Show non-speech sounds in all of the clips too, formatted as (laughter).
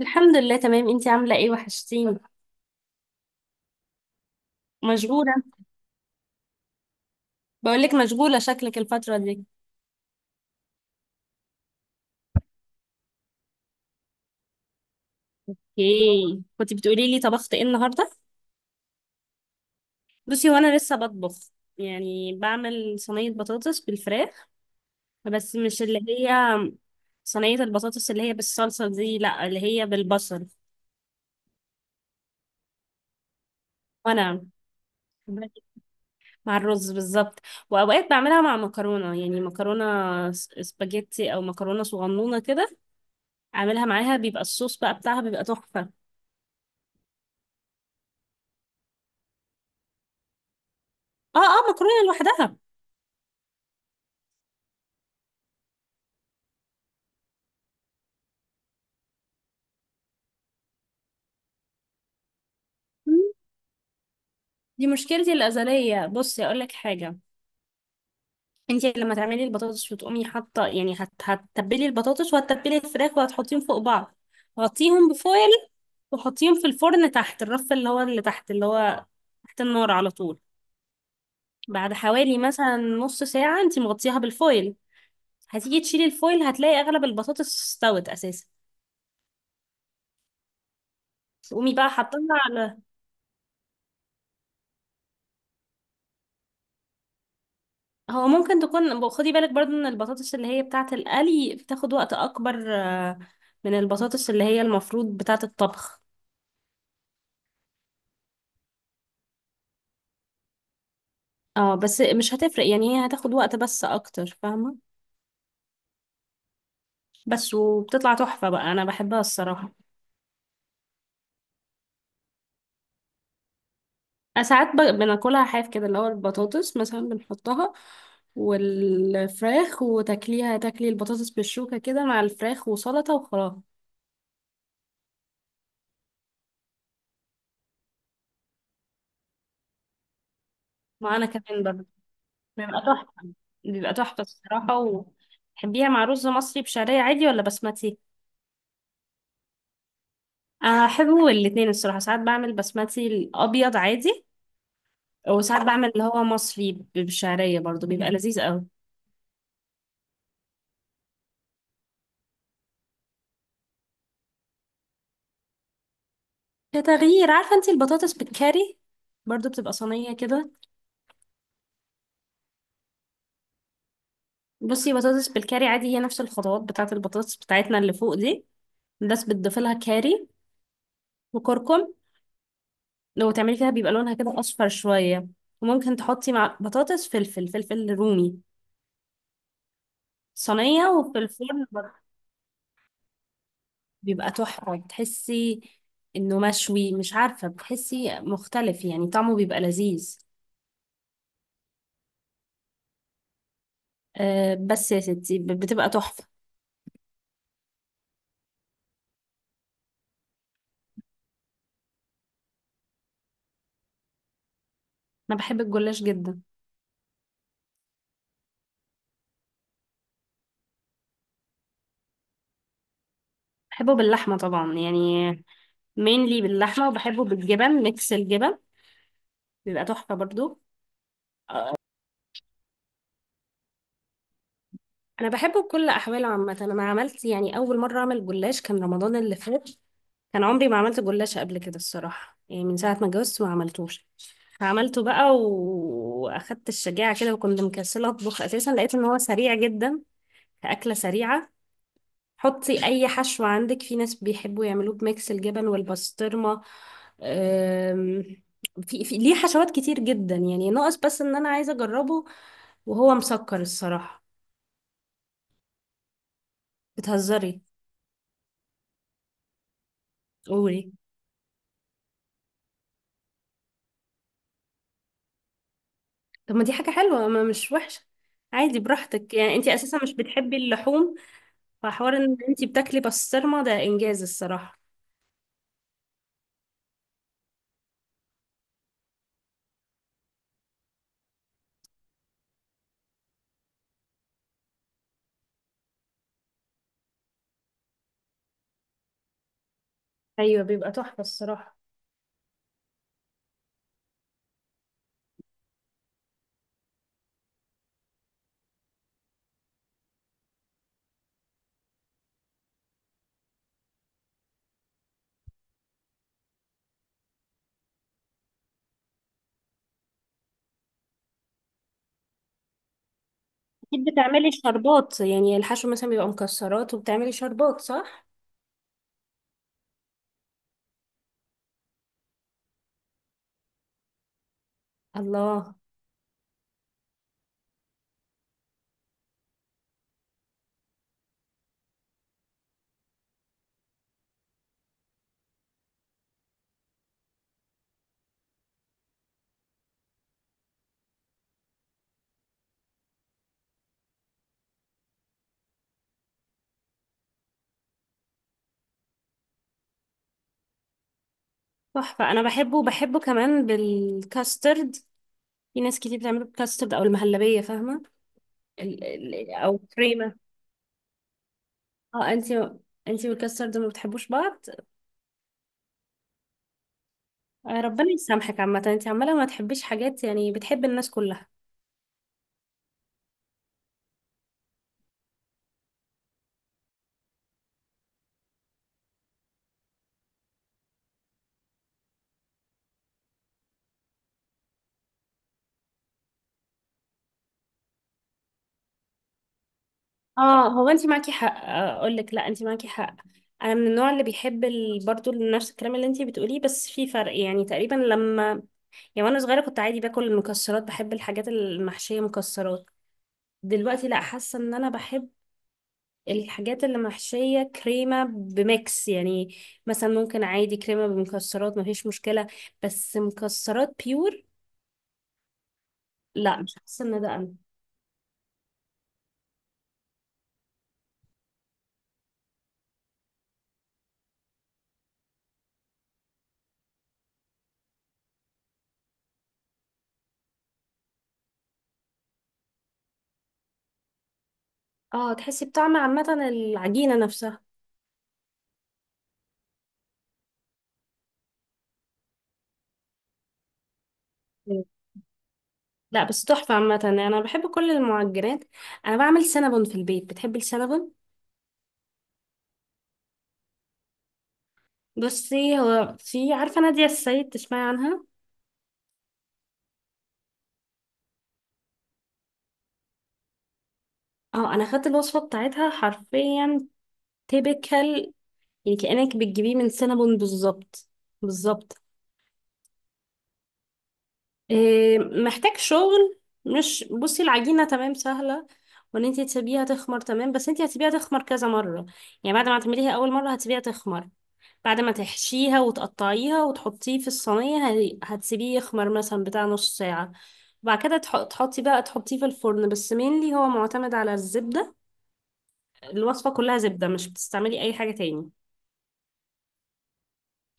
الحمد لله تمام. انتي عاملة ايه؟ وحشتيني. مشغولة. بقولك مشغولة شكلك الفترة دي. اوكي، كنت بتقولي لي طبخت ايه النهاردة. بصي وانا لسه بطبخ، يعني بعمل صينية بطاطس بالفراخ، بس مش اللي هي صينية البطاطس اللي هي بالصلصة دي، لا اللي هي بالبصل. وانا مع الرز بالظبط. واوقات بعملها مع مكرونة، يعني مكرونة سباجيتي او مكرونة صغنونة كده، اعملها معاها بيبقى الصوص بقى بتاعها بيبقى تحفة. اه اه، مكرونة لوحدها. دي مشكلتي الأزلية، بصي أقول لك حاجة. انت لما تعملي البطاطس وتقومي حاطة، يعني هتتبلي البطاطس وهتتبلي الفراخ وهتحطيهم فوق بعض، غطيهم بفويل وحطيهم في الفرن تحت الرف اللي هو اللي تحت، اللي هو تحت النار على طول. بعد حوالي مثلا نص ساعة انت مغطياها بالفويل، هتيجي تشيلي الفويل هتلاقي أغلب البطاطس استوت أساسا، تقومي بقى حاطاها على. هو ممكن تكون، خدي بالك برضو ان البطاطس اللي هي بتاعة القلي بتاخد وقت اكبر، من البطاطس اللي هي المفروض بتاعة الطبخ. اه، بس مش هتفرق يعني، هي هتاخد وقت بس اكتر، فاهمة؟ بس وبتطلع تحفة بقى، انا بحبها الصراحة. أنا ساعات بناكلها حاف كده، اللي هو البطاطس مثلا بنحطها والفراخ، وتاكليها تاكلي البطاطس بالشوكة كده مع الفراخ وسلطة وخلاص. معانا كمان بيبقى تحفة، بيبقى تحفة الصراحة. وتحبيها مع رز مصري بشعرية عادي ولا بسمتي؟ أنا أحبه الاتنين الصراحة، ساعات بعمل بسمتي الأبيض عادي، وساعات بعمل اللي هو مصري بالشعرية برضو بيبقى لذيذ قوي. كتغيير، عارفة انتي البطاطس بالكاري؟ برضو بتبقى صينية كده. بصي بطاطس بالكاري عادي، هي نفس الخطوات بتاعة البطاطس بتاعتنا اللي فوق دي، بس بتضيفي لها كاري وكركم، لو تعملي فيها بيبقى لونها كده أصفر شوية. وممكن تحطي مع بطاطس فلفل، فلفل رومي، صينية وفي الفرن. بيبقى تحفة، بتحسي انه مشوي، مش عارفة بتحسي مختلف يعني، طعمه بيبقى لذيذ. أه بس يا ستي بتبقى تحفة. انا بحب الجلاش جدا. بحبه باللحمة طبعا يعني، مينلي باللحمة، وبحبه بالجبن، ميكس الجبن، بيبقى تحفة برضو. انا بحبه بكل احواله عامة. انا عملت يعني اول مرة اعمل جلاش كان رمضان اللي فات، كان عمري ما عملت جلاش قبل كده الصراحة، يعني من ساعة ما اتجوزت ما عملتوش. عملته بقى واخدت الشجاعة كده، وكنت مكسلة اطبخ اساسا، لقيت ان هو سريع جدا كأكلة سريعة. حطي اي حشو عندك، في ناس بيحبوا يعملوه بميكس الجبن والبسطرمة. أم، في ليه حشوات كتير جدا يعني، ناقص بس ان انا عايزة اجربه، وهو مسكر الصراحة. بتهزري؟ قولي. طب ما دي حاجة حلوة، ما مش وحشة. عادي براحتك، يعني انتي اساسا مش بتحبي اللحوم، فحوار ان انتي بتاكلي بسطرمة ده انجاز الصراحة. ايوه، بيبقى تحفة الصراحة. أكيد بتعملي شربات، يعني الحشو مثلا بيبقى مكسرات وبتعملي شربات صح؟ الله. تحفة، أنا بحبه وبحبه كمان بالكاسترد. في ناس كتير بتعمله بالكاسترد أو المهلبية فاهمة؟ أو كريمة. اه انتي، انتي والكاسترد ما بتحبوش بعض. ربنا يسامحك عامة، انتي عمالة ما تحبيش حاجات، يعني بتحب الناس كلها. اه، هو انتي معاكي حق، اقول لك لا انتي معاكي حق. انا من النوع اللي بيحب برضو نفس الكلام اللي انتي بتقوليه، بس في فرق يعني تقريبا لما، يعني وانا صغيره كنت عادي باكل المكسرات، بحب الحاجات المحشيه مكسرات، دلوقتي لا، حاسه ان انا بحب الحاجات اللي محشيه كريمه بميكس يعني، مثلا ممكن عادي كريمه بمكسرات مفيش مشكله، بس مكسرات بيور لا، مش حاسه ان ده انا. اه تحسي بطعم عامه العجينه نفسها. مم. لا بس تحفه عامه، يعني انا بحب كل المعجنات. انا بعمل سينابون في البيت، بتحبي السينابون؟ بصي هو في، عارفه نادية السيد؟ تسمعي عنها؟ اه، انا خدت الوصفه بتاعتها حرفيا، تيبيكال، يعني كأنك بتجيبيه من سينابون بالظبط، بالظبط. محتاج شغل. مش بصي العجينة تمام سهلة، وان انت تسيبيها تخمر تمام، بس انت هتسيبيها تخمر كذا مرة. يعني بعد ما تعمليها اول مرة هتسيبيها تخمر، بعد ما تحشيها وتقطعيها وتحطيه في الصينية هتسيبيه يخمر مثلا بتاع نص ساعة، وبعد كده تحطي بقى، تحطيه في الفرن، بس مينلي هو معتمد على الزبدة، الوصفة كلها زبدة، مش بتستعملي اي حاجة تاني.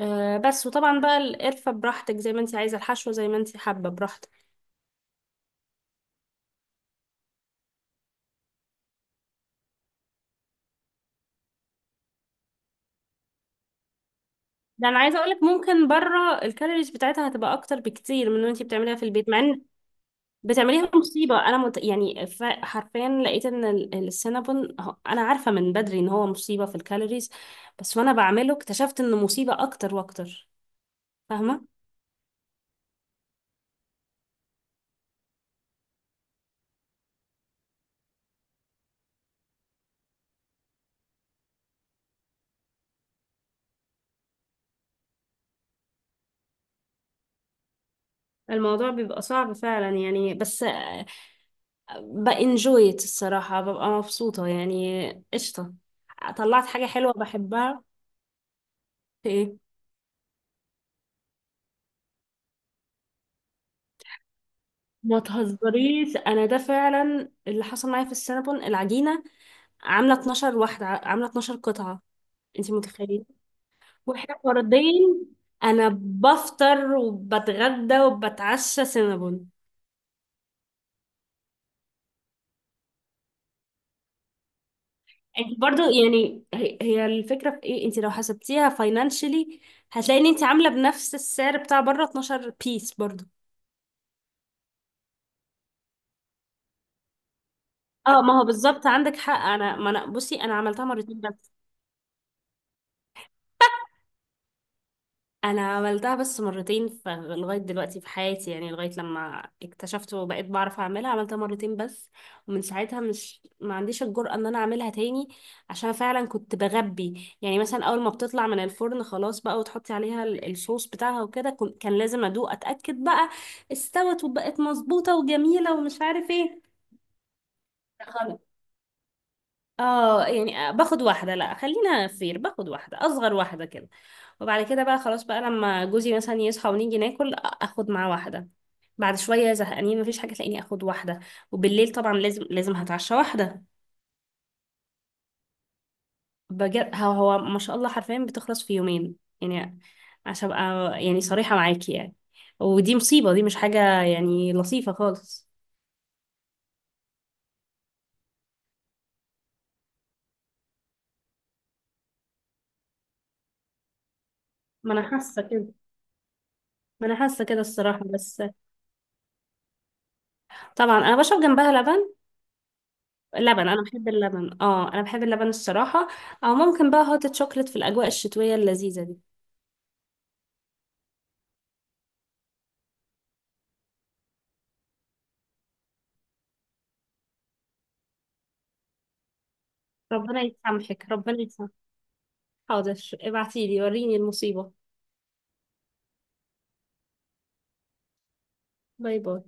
آه، بس وطبعا بقى القرفة براحتك زي ما انت عايزة، الحشوة زي ما انت حابة براحتك. ده انا عايزة اقولك، ممكن بره الكالوريز بتاعتها هتبقى اكتر بكتير من اللي انت بتعمليها في البيت، مع ان بتعمليها مصيبة. انا يعني حرفيا لقيت ان السينابون انا عارفة من بدري ان هو مصيبة في الكالوريز، بس وانا بعمله اكتشفت انه مصيبة اكتر واكتر. فاهمة؟ الموضوع بيبقى صعب فعلا يعني، بس بانجويت الصراحة ببقى مبسوطة يعني، قشطة، طلعت حاجة حلوة بحبها. (laughs) ما تهزريش، انا ده فعلا اللي حصل معايا في السينابون. العجينه عامله 12 واحده، عامله 12 قطعه، انت متخيله؟ واحنا فردين، انا بفطر وبتغدى وبتعشى سينابون. انت برضو يعني، هي هي الفكره في ايه؟ انت لو حسبتيها فاينانشلي هتلاقي ان انت عامله بنفس السعر بتاع بره، 12 بيس برضو. اه، ما هو بالظبط عندك حق. انا ما انا، بصي انا عملتها مرتين بس، انا عملتها بس مرتين لغايه دلوقتي في حياتي، يعني لغايه لما اكتشفت وبقيت بعرف اعملها عملتها مرتين بس، ومن ساعتها مش، ما عنديش الجرأة ان انا اعملها تاني، عشان فعلا كنت بغبي. يعني مثلا اول ما بتطلع من الفرن خلاص بقى، وتحطي عليها الصوص بتاعها وكده، كان لازم ادوق اتاكد بقى استوت وبقت مظبوطه وجميله ومش عارف ايه. خلاص اه، يعني باخد واحده، لا خلينا فير باخد واحده، اصغر واحده كده. وبعد كده بقى خلاص بقى، لما جوزي مثلا يصحى ونيجي ناكل اخد معاه واحده، بعد شويه زهقانين مفيش حاجه تلاقيني اخد واحده، وبالليل طبعا لازم لازم هتعشى واحده. بجد، هو هو ما شاء الله حرفيا بتخلص في يومين يعني، عشان ابقى يعني صريحه معاكي يعني. ودي مصيبه، دي مش حاجه يعني لطيفه خالص. ما انا حاسه كده، ما انا حاسه كده الصراحه بس. طبعا انا بشرب جنبها لبن. لبن، انا بحب اللبن، اه انا بحب اللبن الصراحه. او ممكن بقى هوت شوكليت في الاجواء الشتويه اللذيذه دي. ربنا يسامحك، ربنا يسامحك. حاضر، ابعتيلي وريني المصيبة. باي باي.